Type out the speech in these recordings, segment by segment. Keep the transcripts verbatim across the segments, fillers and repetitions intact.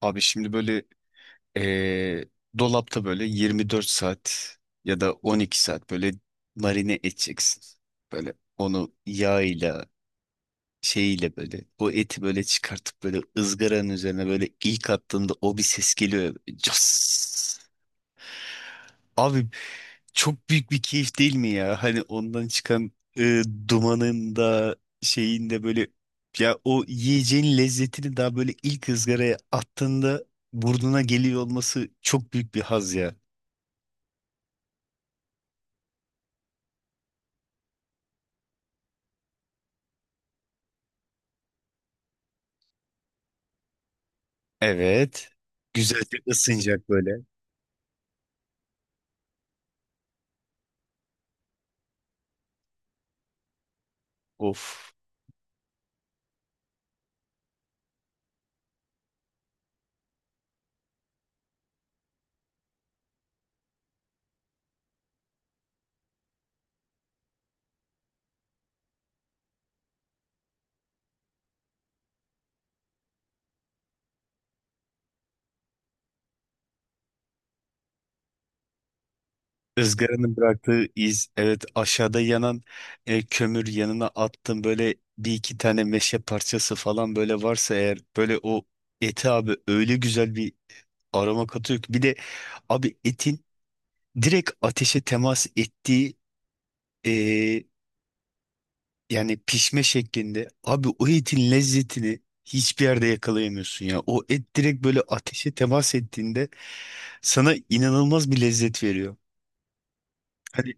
Abi şimdi böyle eee, dolapta böyle yirmi dört saat ya da on iki saat böyle marine edeceksin. Böyle onu yağıyla şeyiyle böyle o eti böyle çıkartıp böyle ızgaranın üzerine böyle ilk attığında o bir ses geliyor, ya, böyle cas. Abi çok büyük bir keyif değil mi ya? Hani ondan çıkan e, dumanın da şeyin de böyle, ya o yiyeceğin lezzetini daha böyle ilk ızgaraya attığında burnuna geliyor olması çok büyük bir haz ya. Evet. Güzelce ısınacak böyle. Of. Izgaranın bıraktığı iz, evet, aşağıda yanan e, kömür yanına attım böyle bir iki tane meşe parçası falan, böyle varsa eğer böyle o eti abi öyle güzel bir aroma katıyor ki, bir de abi etin direkt ateşe temas ettiği e, yani pişme şeklinde, abi o etin lezzetini hiçbir yerde yakalayamıyorsun ya, o et direkt böyle ateşe temas ettiğinde sana inanılmaz bir lezzet veriyor. Hani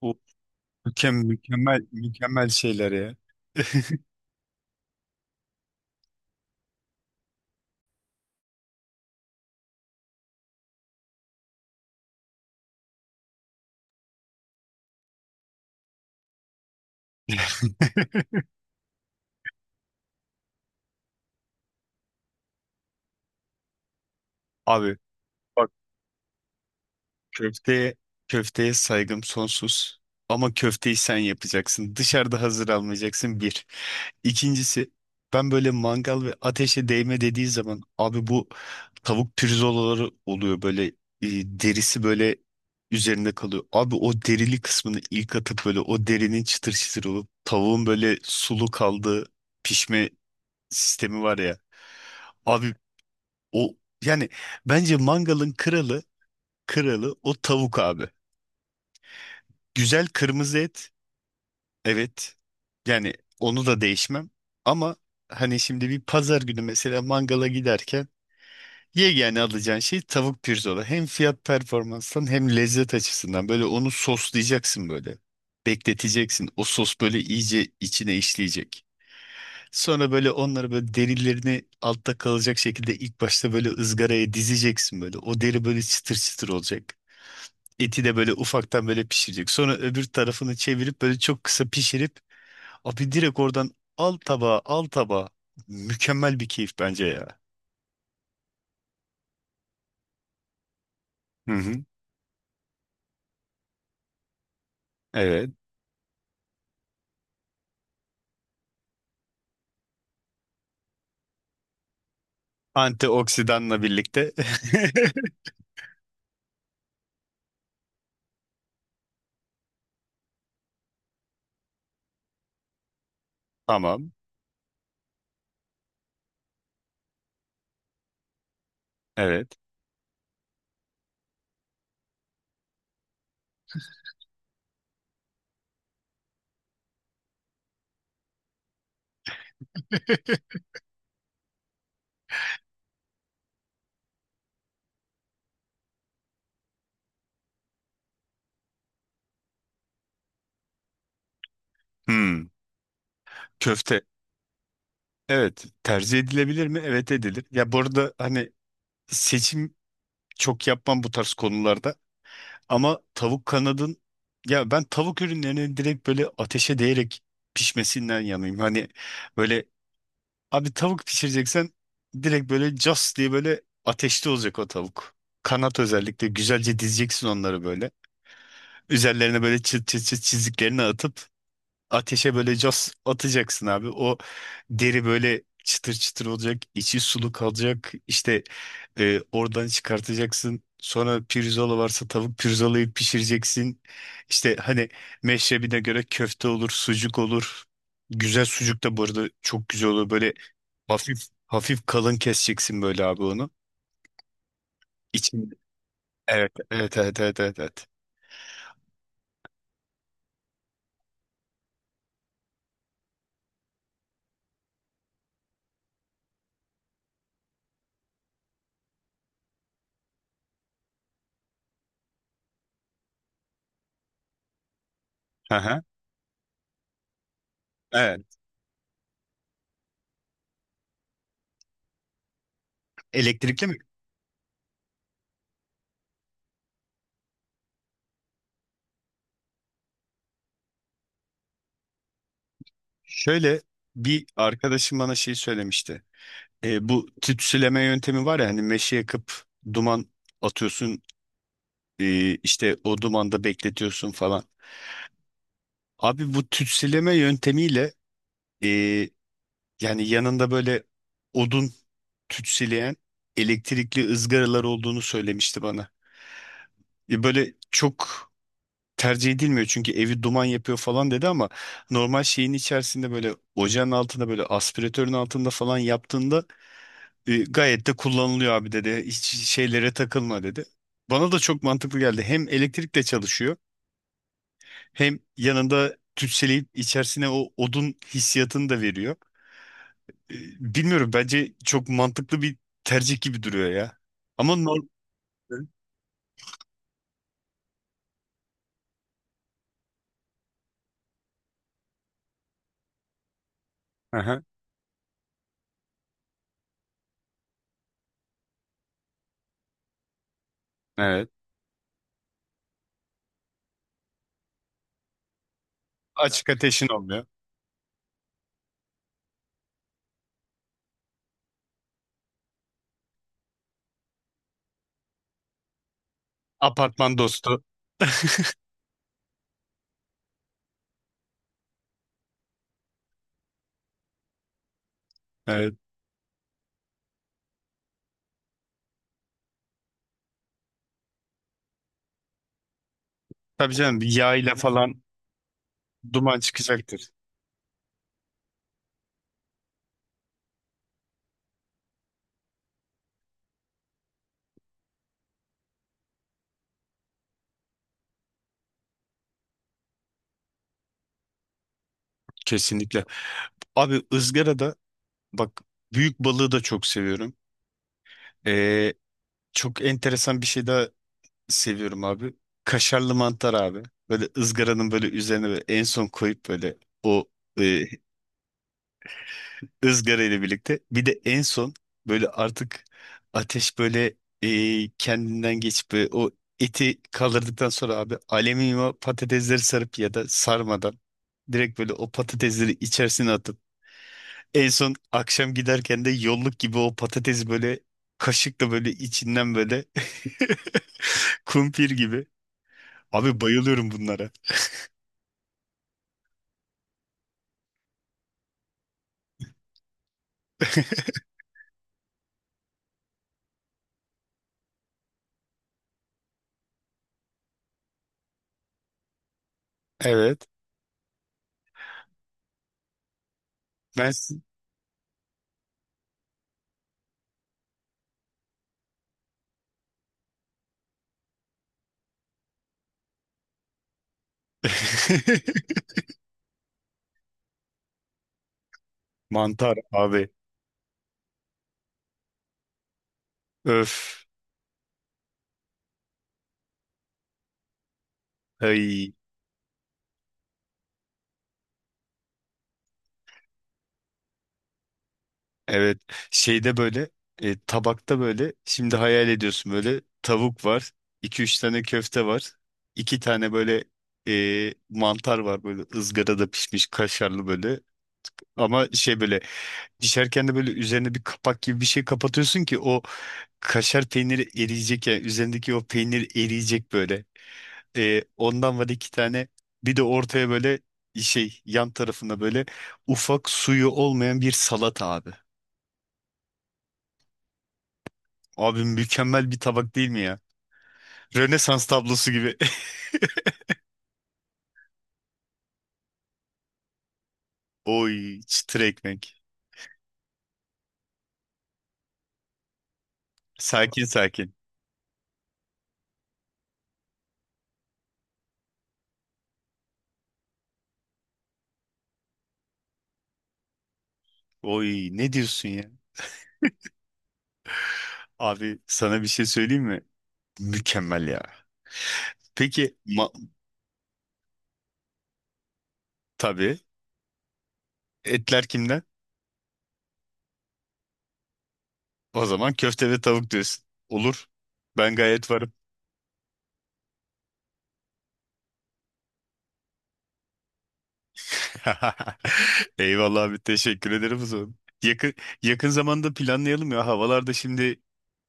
o mükemmel, mükemmel, mükemmel şeyler ya. Abi bak, köfteye köfteye saygım sonsuz. Ama köfteyi sen yapacaksın. Dışarıda hazır almayacaksın, bir. İkincisi, ben böyle mangal ve ateşe değme dediği zaman abi bu tavuk pirzolaları oluyor böyle, e, derisi böyle üzerinde kalıyor. Abi o derili kısmını ilk atıp böyle o derinin çıtır çıtır olup tavuğun böyle sulu kaldığı pişme sistemi var ya. Abi o, yani bence mangalın kralı, kralı o tavuk abi. Güzel kırmızı et. Evet. Yani onu da değişmem. Ama hani şimdi bir pazar günü mesela mangala giderken yegane alacağın şey tavuk pirzola. Hem fiyat performanstan hem lezzet açısından böyle onu soslayacaksın böyle. Bekleteceksin. O sos böyle iyice içine işleyecek. Sonra böyle onları böyle derilerini altta kalacak şekilde ilk başta böyle ızgaraya dizeceksin böyle. O deri böyle çıtır çıtır olacak. Eti de böyle ufaktan böyle pişirecek. Sonra öbür tarafını çevirip böyle çok kısa pişirip abi direkt oradan, al tabağa, al tabağa. Mükemmel bir keyif bence ya. Hı hı. Evet. Antioksidanla birlikte. Tamam. Evet. Hmm. Köfte. Evet. Tercih edilebilir mi? Evet, edilir. Ya bu arada hani seçim çok yapmam bu tarz konularda. Ama tavuk kanadın, ya ben tavuk ürünlerinin direkt böyle ateşe değerek pişmesinden yanayım. Hani böyle, abi tavuk pişireceksen direkt böyle cas diye böyle ateşte olacak o tavuk. Kanat, özellikle güzelce dizeceksin onları böyle. Üzerlerine böyle çıt çıt çıt çiziklerini atıp ateşe böyle cas atacaksın abi. O deri böyle çıtır çıtır olacak, içi sulu kalacak. İşte e, oradan çıkartacaksın. Sonra pirzola varsa tavuk pirzolayı pişireceksin. İşte hani meşrebine göre köfte olur, sucuk olur. Güzel sucuk da bu arada çok güzel olur. Böyle hafif hafif kalın keseceksin böyle abi onu. İçinde. Evet, evet, evet, evet, evet, evet. Aha, evet. Elektrikli mi? Şöyle, bir arkadaşım bana şey söylemişti. E, bu tütsüleme yöntemi var ya, hani meşe yakıp duman atıyorsun, e, işte o dumanda bekletiyorsun falan. Abi bu tütsüleme yöntemiyle, e, yani yanında böyle odun tütsüleyen elektrikli ızgaralar olduğunu söylemişti bana. E, böyle çok tercih edilmiyor çünkü evi duman yapıyor falan dedi ama normal şeyin içerisinde böyle ocağın altında böyle aspiratörün altında falan yaptığında e, gayet de kullanılıyor abi dedi. Hiç şeylere takılma dedi. Bana da çok mantıklı geldi. Hem elektrikle çalışıyor hem yanında tütseleyip içerisine o odun hissiyatını da veriyor. E, Bilmiyorum, bence çok mantıklı bir tercih gibi duruyor ya. Ama normal. Hı. Evet. Açık ateşin olmuyor. Apartman dostu. Evet. Tabii canım, yağ ile falan duman çıkacaktır. Kesinlikle. Abi ızgarada, bak, büyük balığı da çok seviyorum. Ee, çok enteresan bir şey daha seviyorum abi. Kaşarlı mantar abi. Böyle ızgaranın böyle üzerine böyle en son koyup böyle o e, ızgara ile birlikte. Bir de en son böyle artık ateş böyle e, kendinden geçip böyle o eti kaldırdıktan sonra abi alüminyum patatesleri sarıp ya da sarmadan direkt böyle o patatesleri içerisine atıp en son akşam giderken de yolluk gibi o patatesi böyle kaşıkla böyle içinden böyle kumpir gibi. Abi bayılıyorum bunlara. Evet. Ben s- mantar abi. Öf. Ay. Evet. Şeyde böyle e, tabakta böyle şimdi hayal ediyorsun böyle, tavuk var. İki üç tane köfte var. İki tane böyle e, mantar var böyle ızgarada pişmiş kaşarlı böyle. Ama şey böyle, pişerken de böyle üzerine bir kapak gibi bir şey kapatıyorsun ki o kaşar peyniri eriyecek ya, üzerindeki o peynir eriyecek böyle. Ee, ondan var iki tane, bir de ortaya böyle şey, yan tarafına böyle ufak suyu olmayan bir salata abi. Abi mükemmel bir tabak değil mi ya? Rönesans tablosu gibi. Oy, çıtır ekmek. Sakin sakin. Oy, ne diyorsun ya? Abi sana bir şey söyleyeyim mi? Mükemmel ya. Peki ma- tabii. Etler kimden? O zaman köfte ve tavuk diyorsun. Olur. Ben gayet varım. Eyvallah abi, teşekkür ederim o zaman. Yakın, yakın zamanda planlayalım ya. Havalar da şimdi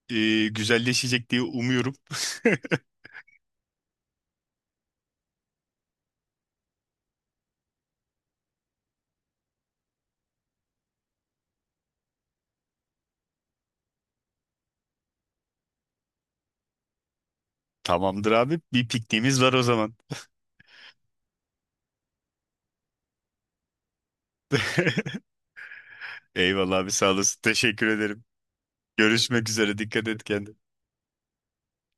e, güzelleşecek diye umuyorum. Tamamdır abi. Bir pikniğimiz var o zaman. Eyvallah abi, sağ olasın. Teşekkür ederim. Görüşmek üzere. Dikkat et kendine.